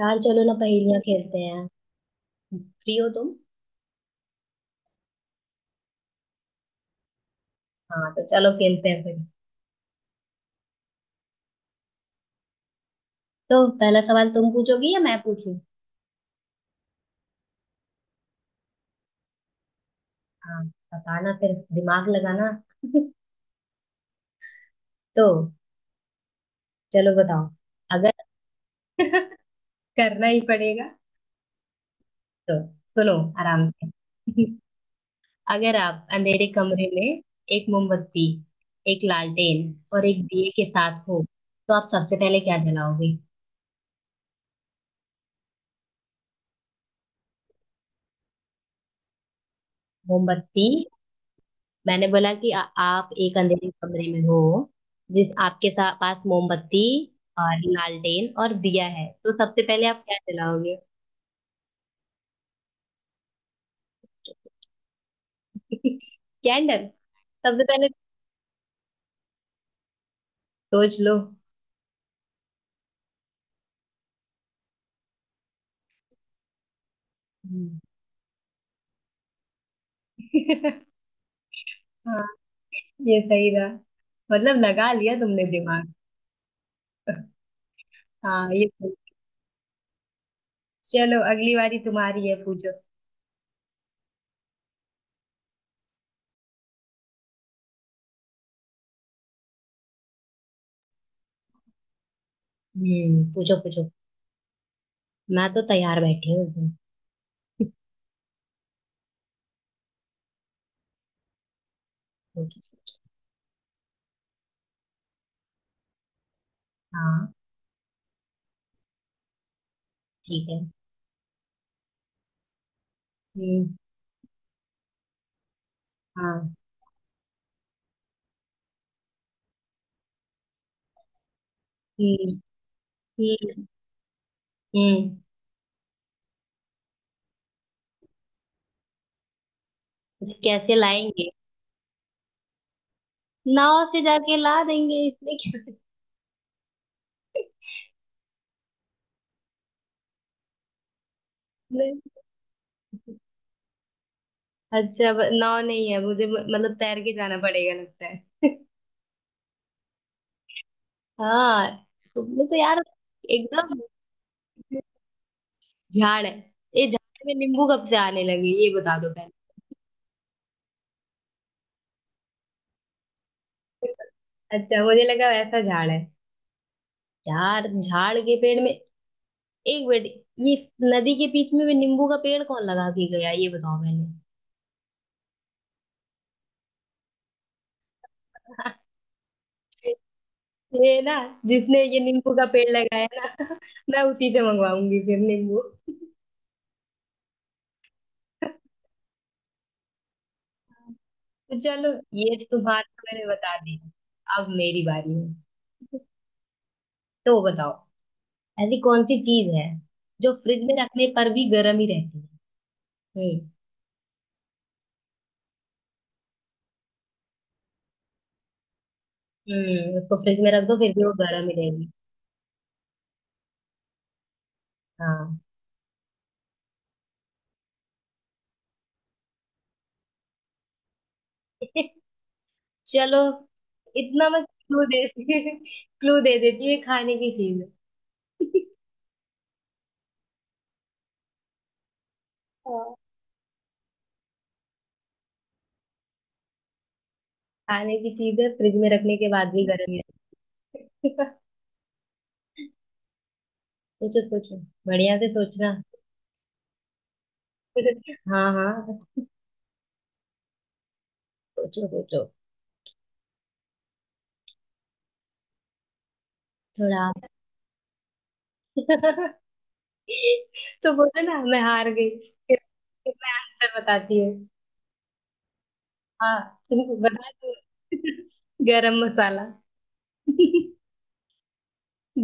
यार चलो ना पहेलियां खेलते हैं। फ्री हो तुम? हाँ तो चलो खेलते हैं फिर। तो पहला सवाल तुम पूछोगी या मैं पूछूं? हाँ, बताना फिर दिमाग लगाना। तो चलो बताओ। अगर करना ही पड़ेगा। तो सुनो, आराम से। अगर आप अंधेरे कमरे में एक मोमबत्ती, एक लालटेन और एक दिए के साथ हो, तो आप सबसे पहले क्या जलाओगे? मोमबत्ती? मैंने बोला कि आप एक अंधेरे कमरे में हो, पास मोमबत्ती और लालटेन और दिया है, तो सबसे पहले आप क्या जलाओगे? कैंडल? सबसे पहले सोच लो। हम्म। हाँ, ये सही था। मतलब लगा लिया तुमने दिमाग। हाँ ये सही। चलो, अगली बारी तुम्हारी है, पूछो। पूछो पूछो। मैं तो तैयार बैठी हूँ एकदम। पूछो। हाँ। ठीक है। हम्म। हाँ। हम्म। हम्म। हम्म, इसे कैसे लाएंगे? नाव से जाके ला देंगे, इसमें क्या है? अच्छा, नाव नहीं है मुझे, मतलब तैर के जाना पड़ेगा लगता है। हाँ, तुमने तो यार एकदम झाड़ है। ये झाड़ में नींबू कब से आने लगे, ये बता दो पहले। अच्छा, मुझे लगा वैसा झाड़ है। यार, झाड़ के पेड़ में एक बेटी, ये नदी के बीच में भी नींबू का पेड़ कौन लगा के गया, ये बताओ पहले। ये ना, जिसने ये नींबू का पेड़ लगाया ना, मैं उसी से मंगवाऊंगी फिर नींबू। तो चलो, ये तुम्हारा मैंने बता दिया। अब मेरी बारी है। तो बताओ, ऐसी कौन सी चीज है जो फ्रिज में रखने पर भी गर्म ही रहती है। हम्म। उसको फ्रिज में रख दो फिर भी वो गर्म ही रहेगी। हाँ। चलो, इतना मैं क्लू दे क्लू दे देती हूँ, ये खाने की चीज है। हाँ। खाने की चीज है, फ्रिज में रखने के बाद भी गर्म ही रहती है। सोचो सोचो, बढ़िया से सोचना। हाँ हाँ, सोचो सोचो थोड़ा। तो बोला ना, मैं हार गई। फिर मैं आंसर बताती हूँ। हाँ, बता दो। गरम मसाला।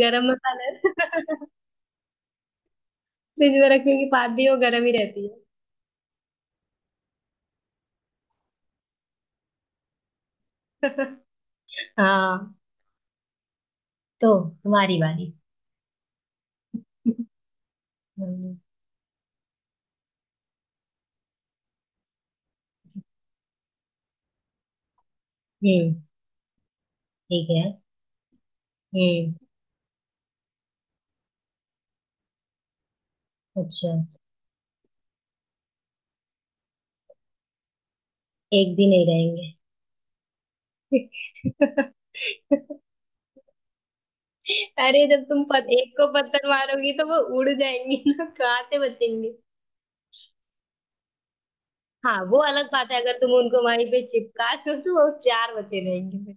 गरम मसाला। फ्रिज में रखने की बात भी वो गरम ही रहती है। हाँ, तो तुम्हारी बारी। हम्म। हम्म, ठीक है। हम्म। अच्छा। एक भी नहीं रहेंगे। अरे, जब तुम एक को पत्थर मारोगी तो वो उड़ जाएंगी ना, कहाँ से बचेंगे? हाँ, वो अलग बात है, अगर तुम उनको वहीं पे चिपका दो तो वो चार बचे रहेंगे फिर।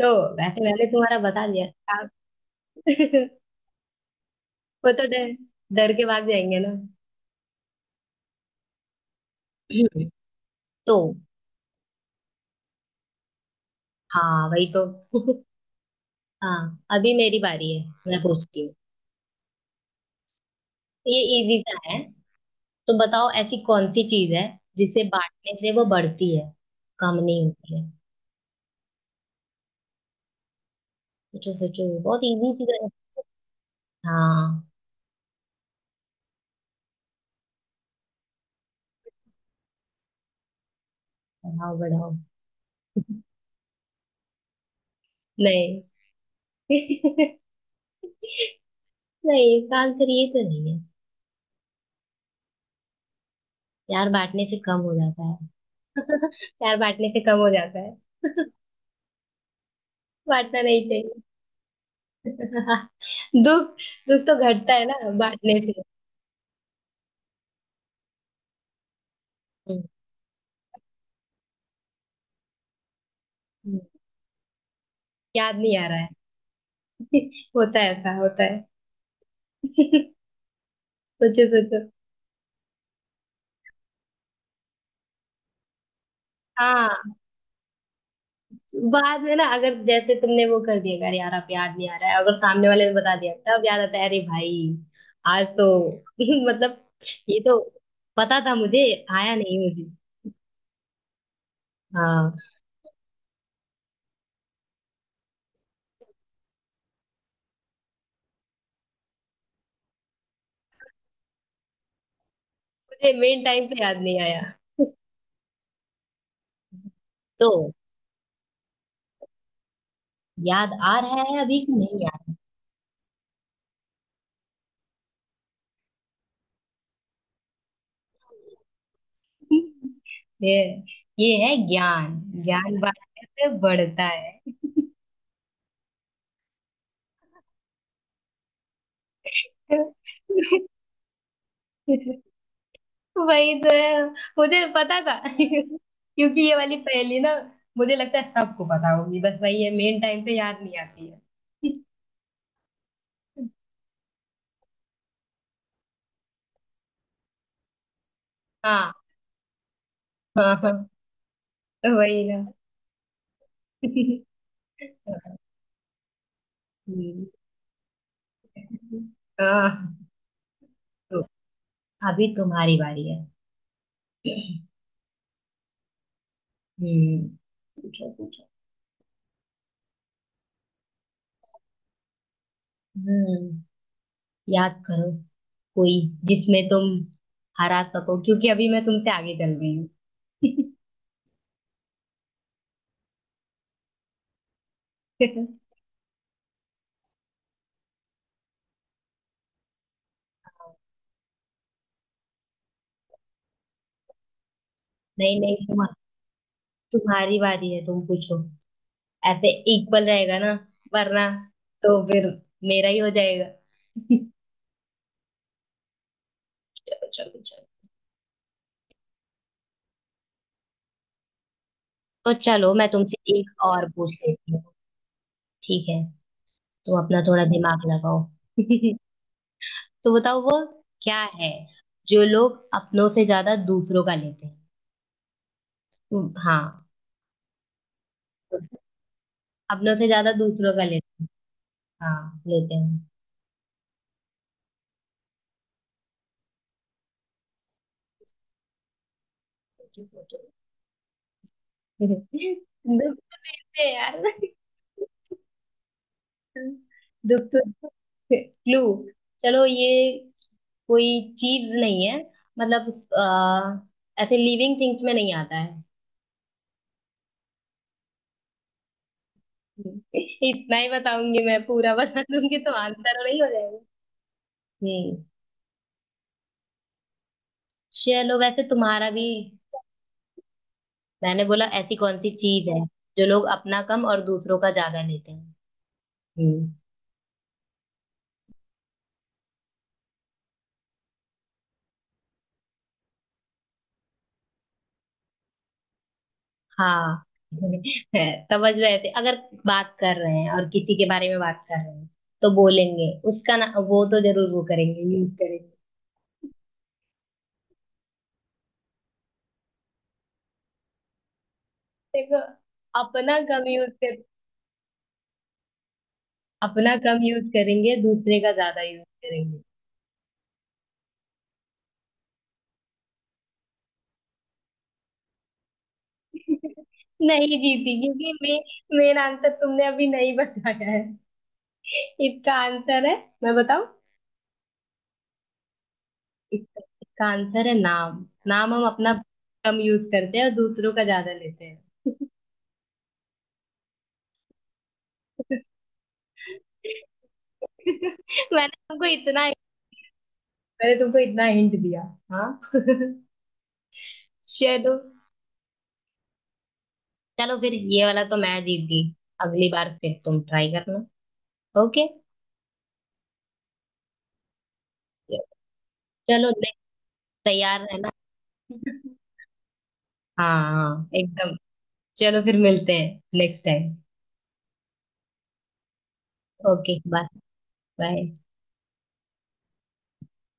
तो वैसे मैंने तुम्हारा बता दिया। आप वो तो डर, डर के भाग जाएंगे ना। तो हाँ, वही तो। हाँ, अभी मेरी बारी है, मैं पूछती हूँ। ये इजी सा है। तो बताओ, ऐसी कौन सी चीज है जिसे बांटने से वो बढ़ती है, कम नहीं होती है। सोचो सोचो, बहुत इजी चीज है। हाँ, बढ़ाओ बढ़ाओ। नहीं। नहीं, इसका आंसर ये तो नहीं। प्यार बांटने से कम हो जाता है। प्यार बांटने से कम हो जाता है। बांटना नहीं चाहिए। दुख? दुख तो घटता है ना बांटने से। हम्म, हम्म, याद नहीं आ रहा है। होता है, ऐसा होता है। सोचो सोचो। हाँ, बाद में ना, अगर जैसे तुमने वो कर दिया, अगर यार आप याद नहीं आ रहा है, अगर सामने वाले ने बता दिया तब याद आता है, अरे भाई आज तो मतलब ये तो पता था मुझे, आया नहीं मुझे। हाँ, मुझे मेन टाइम पे याद नहीं आया। तो याद आ रहा है अभी कि नहीं याद? ये ये है ज्ञान। ज्ञान बांटने से बढ़ता है। वही तो है, मुझे पता था। क्योंकि ये वाली पहेली ना, मुझे लगता है सबको पता होगी, बस वही है, मेन टाइम पे याद नहीं आती है। हाँ हाँ हाँ, तो वही ना। हम्म, हाँ, तो अभी तुम्हारी बारी है। हम्म, पूछो पूछो। हम्म, याद करो कोई जिसमें तुम हरा सको, क्योंकि अभी मैं तुमसे आगे चल रही हूँ। नहीं नहीं, तुम, तुम्हारी बारी है, तुम पूछो। ऐसे इक्वल रहेगा ना, वरना तो फिर मेरा ही हो जाएगा। चलो चलो चलो, तो चलो मैं तुमसे एक और पूछ लेती हूँ। ठीक है, तुम अपना थोड़ा दिमाग लगाओ। तो बताओ वो क्या है जो लोग अपनों से ज्यादा दूसरों का लेते हैं। हाँ, अपनों से ज्यादा दूसरों का लेते हैं। हाँ, लेते हैं। दुख? है यार। दुख तो दुख। क्लू? चलो, ये कोई चीज नहीं है, मतलब ऐसे लिविंग थिंग्स में नहीं आता है। इतना ही बताऊंगी, मैं पूरा बता दूंगी तो आंसर नहीं हो जाएगा? हम्म। चलो वैसे तुम्हारा भी, मैंने बोला ऐसी कौन सी चीज है जो लोग अपना कम और दूसरों का ज्यादा लेते हैं। हम्म। हाँ। समझ में आते अगर बात कर रहे हैं और किसी के बारे में बात कर रहे हैं तो बोलेंगे उसका ना, वो तो जरूर वो करेंगे, यूज करेंगे। देखो, अपना कम यूज कर, अपना कम यूज करेंगे, दूसरे का ज्यादा यूज करेंगे। नहीं जीती, क्योंकि मेन आंसर तुमने अभी नहीं बताया है। इसका आंसर है, मैं बताऊं? इसका आंसर है नाम। नाम हम अपना कम यूज करते हैं और दूसरों का ज्यादा लेते हैं। मैंने तुमको इतना मैंने तुमको इतना हिंट दिया। हाँ। चलो, चलो फिर ये वाला तो मैं जीत गई, अगली बार फिर तुम ट्राई करना। ओके। चलो, नेक्स्ट तैयार रहना। हाँ हाँ एकदम। चलो फिर मिलते हैं next time. Okay, bye. Bye.